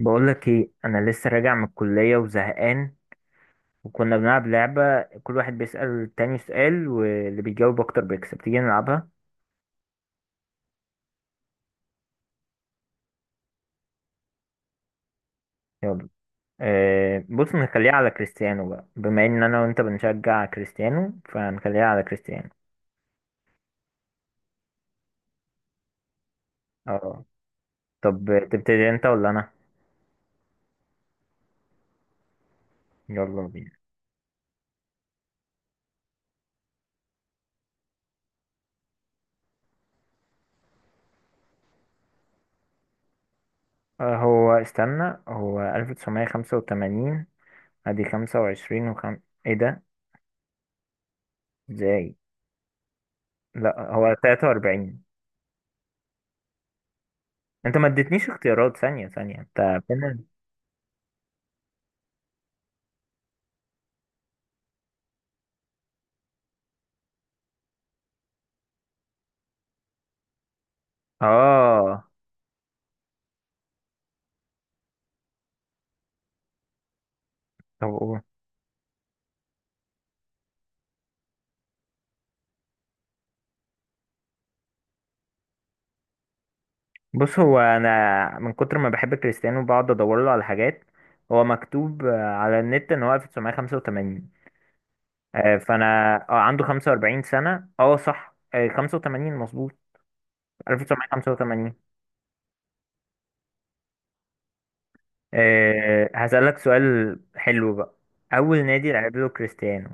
بقولك ايه، انا لسه راجع من الكلية وزهقان. وكنا بنلعب لعبة كل واحد بيسأل التاني سؤال واللي بيجاوب اكتر بيكسب. تيجي نلعبها؟ يلا. بص نخليها على كريستيانو بقى، بما ان انا وانت بنشجع كريستيانو فنخليها على كريستيانو. اه، طب تبتدي انت ولا انا؟ يلا بينا. هو استنى، هو 1985، ادي 25 ايه ده؟ ازاي؟ لا هو 43. انت ما اديتنيش اختيارات، ثانية ثانية انت. اه، طب قول. بص، هو انا من كتر ما بحب كريستيانو بقعد ادور له على حاجات. هو مكتوب على النت ان هو 1985. فانا اه، عنده 45 سنة، اه صح، 85 مظبوط، 1985. هسألك سؤال حلو بقى. اول نادي لعب له كريستيانو؟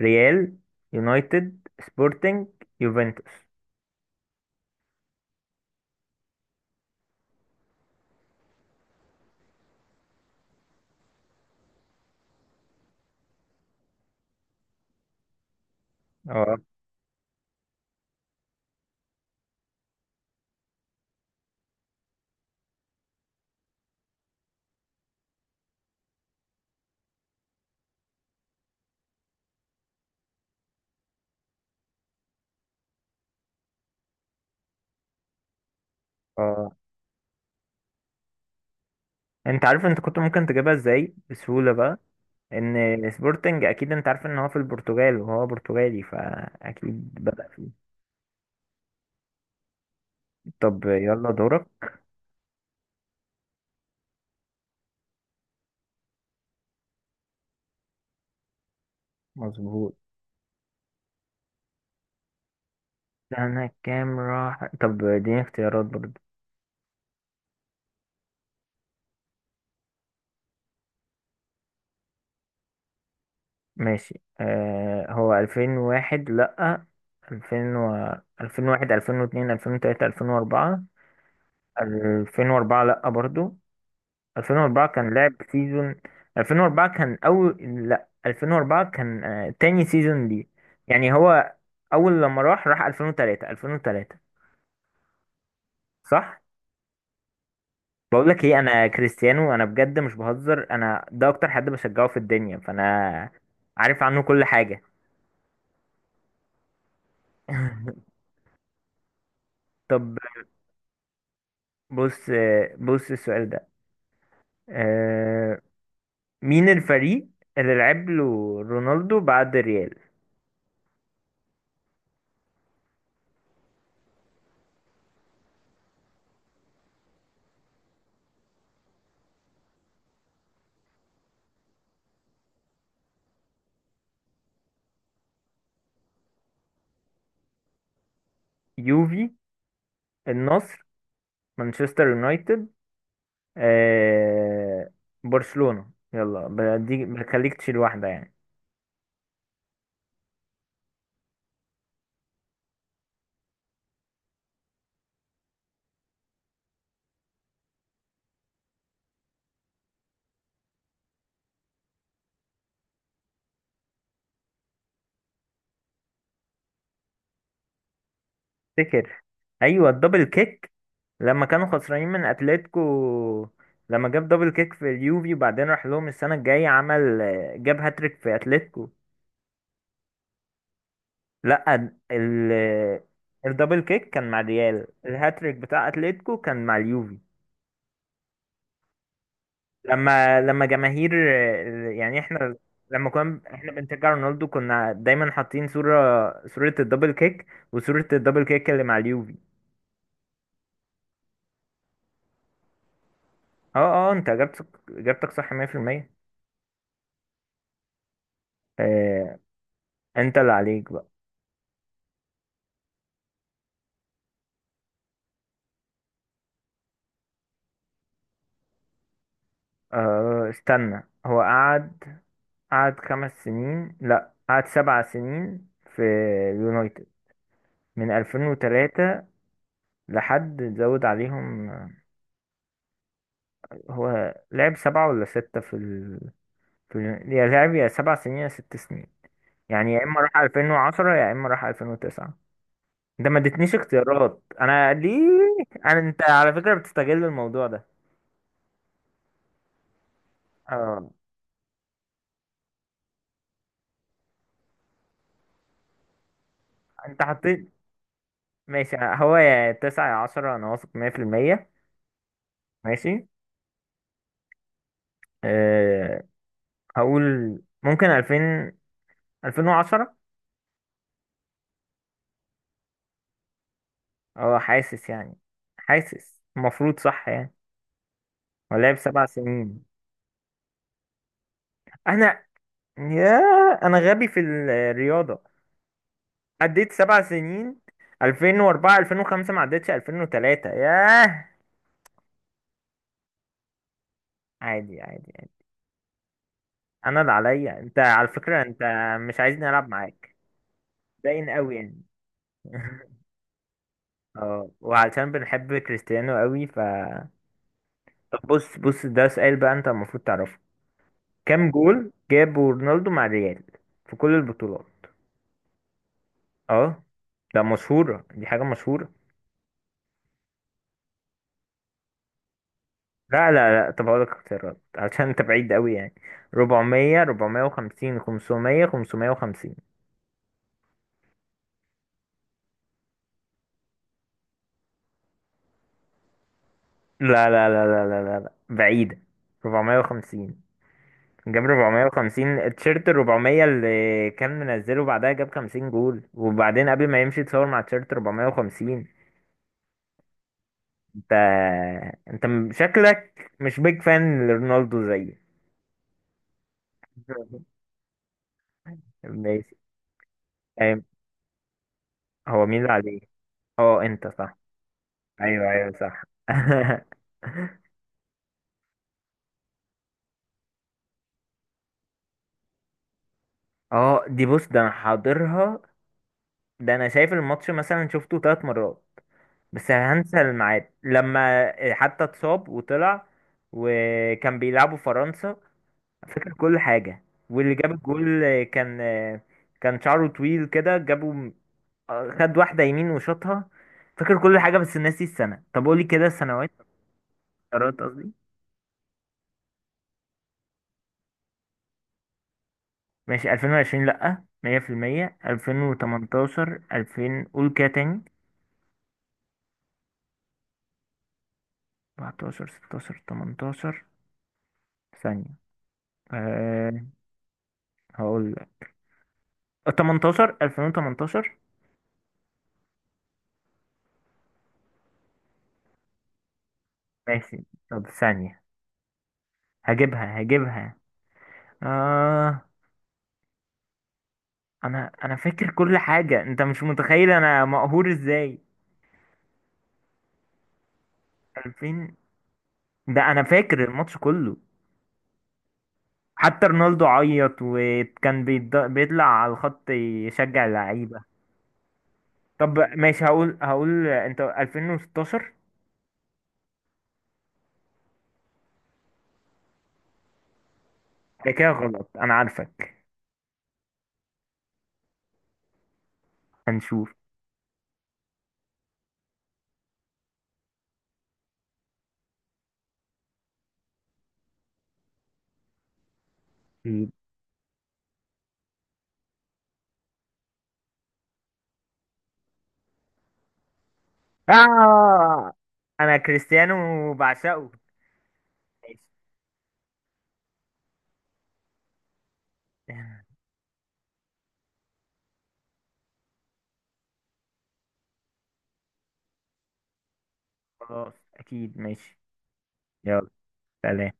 ريال، يونايتد، سبورتنج، يوفنتوس. اه. اه، انت عارف انت كنت ممكن تجيبها ازاي بسهولة بقى؟ ان سبورتنج، اكيد انت عارف ان هو في البرتغال وهو برتغالي فاكيد بدأ فيه. طب يلا دورك. مظبوط. سنة كام راح؟ طب اديني اختيارات برضه. ماشي، هو 2001 لأ، 2000 2001، 2002، 2003، 2004. 2004 لأ برضه. 2004 كان لعب سيزون، 2004 كان أول، لأ 2004 كان تاني سيزون ليه، يعني هو أول لما راح، راح 2003، 2003. صح. بقول لك ايه، انا كريستيانو انا بجد مش بهزر، انا ده اكتر حد بشجعه في الدنيا، فانا عارف عنه كل حاجة. طب بص بص، السؤال ده آه، مين الفريق اللي لعب له رونالدو بعد ريال؟ يوفي، النصر، مانشستر يونايتد، آه، برشلونة. يلا بدي بخليك تشيل واحدة يعني. افتكر، ايوه الدبل كيك. لما كانوا خسرانين من اتلتيكو، لما جاب دبل كيك في اليوفي وبعدين راح لهم السنه الجايه عمل، جاب هاتريك في اتلتيكو. لا، ال الدبل كيك كان مع الريال، الهاتريك بتاع اتلتيكو كان مع اليوفي. لما جماهير، يعني احنا، لما كنا احنا بنشجع رونالدو كنا دايما حاطين صوره الدبل كيك، وصوره الدبل كيك اللي مع اليوفي. اه اه، انت اجابتك صح 100%. انت اللي عليك بقى. استنى، هو قعد خمس سنين، لا قعد سبع سنين، في اليونايتد، من 2003 لحد زود عليهم هو لعب سبعة ولا ستة في ال... في ال... يا لعب يا سبع سنين يا ست سنين، يعني يا إما راح 2010 يا إما راح 2009. ده ما ادتنيش اختيارات أنا ليه. أنت على فكرة بتستغل الموضوع ده. اه، أنت حطيت. ماشي، هو يا تسعة يا عشرة، أنا واثق مية في المية. ماشي، أه هقول ممكن ألفين، ألفين وعشرة. اه، حاسس يعني، حاسس المفروض صح يعني. ولا هي بسبع سنين؟ أنا يا، أنا غبي في الرياضة، عديت سبع سنين، ألفين وأربعة، ألفين وخمسة، ما عدتش ألفين وتلاتة، ياه. عادي عادي عادي. أنا اللي عليا أنت، على فكرة أنت مش عايزني ألعب معاك، باين أوي يعني. اه، وعلشان بنحب كريستيانو أوي ف، طب بص بص، ده سؤال بقى أنت المفروض تعرفه. كام جول جابه رونالدو مع الريال، في كل البطولات؟ اه، ده مشهورة، دي حاجة مشهورة. لا لا لا، طب هقولك اختيارات عشان انت بعيد قوي يعني. 400، 450، 500، 550. لا لا لا لا لا لا لا، بعيدة. 450. جاب 450 تيشيرت، 400 اللي كان منزله، بعدها جاب 50 جول، وبعدين قبل ما يمشي اتصور مع تيشيرت 450. انت، شكلك مش بيج فان لرونالدو زيي. ماشي. أيوة. هو مين اللي عليه؟ اه، انت صح. ايوه ايوه صح. اه دي، بص ده انا حاضرها، ده انا شايف الماتش مثلا شفته ثلاث مرات، بس هنسى الميعاد، لما حتى اتصاب وطلع، وكان بيلعبوا فرنسا. فاكر كل حاجة، واللي جاب الجول كان، كان شعره طويل كده جابه، خد واحدة يمين وشاطها. فاكر كل حاجة بس ناسي السنة. طب قولي كده السنوات، قرارات، قصدي. ماشي، 2020 لأ 100%، 2018، 2000، قول كده تاني. 14، 16، 18. ثانية. أه هقول لك 18، 2018. ماشي، طب ثانية، هجيبها هجيبها. آه أنا فاكر كل حاجة، أنت مش متخيل أنا مقهور إزاي. 2000، ده أنا فاكر الماتش كله، حتى رونالدو عيط وكان بيطلع على الخط يشجع اللعيبة. طب ماشي، هقول انت 2016. ده كده غلط انا عارفك. هنشوف. آه انا كريستيانو وبعشقه. ماشي. خلاص اكيد ماشي. يلا. سلام.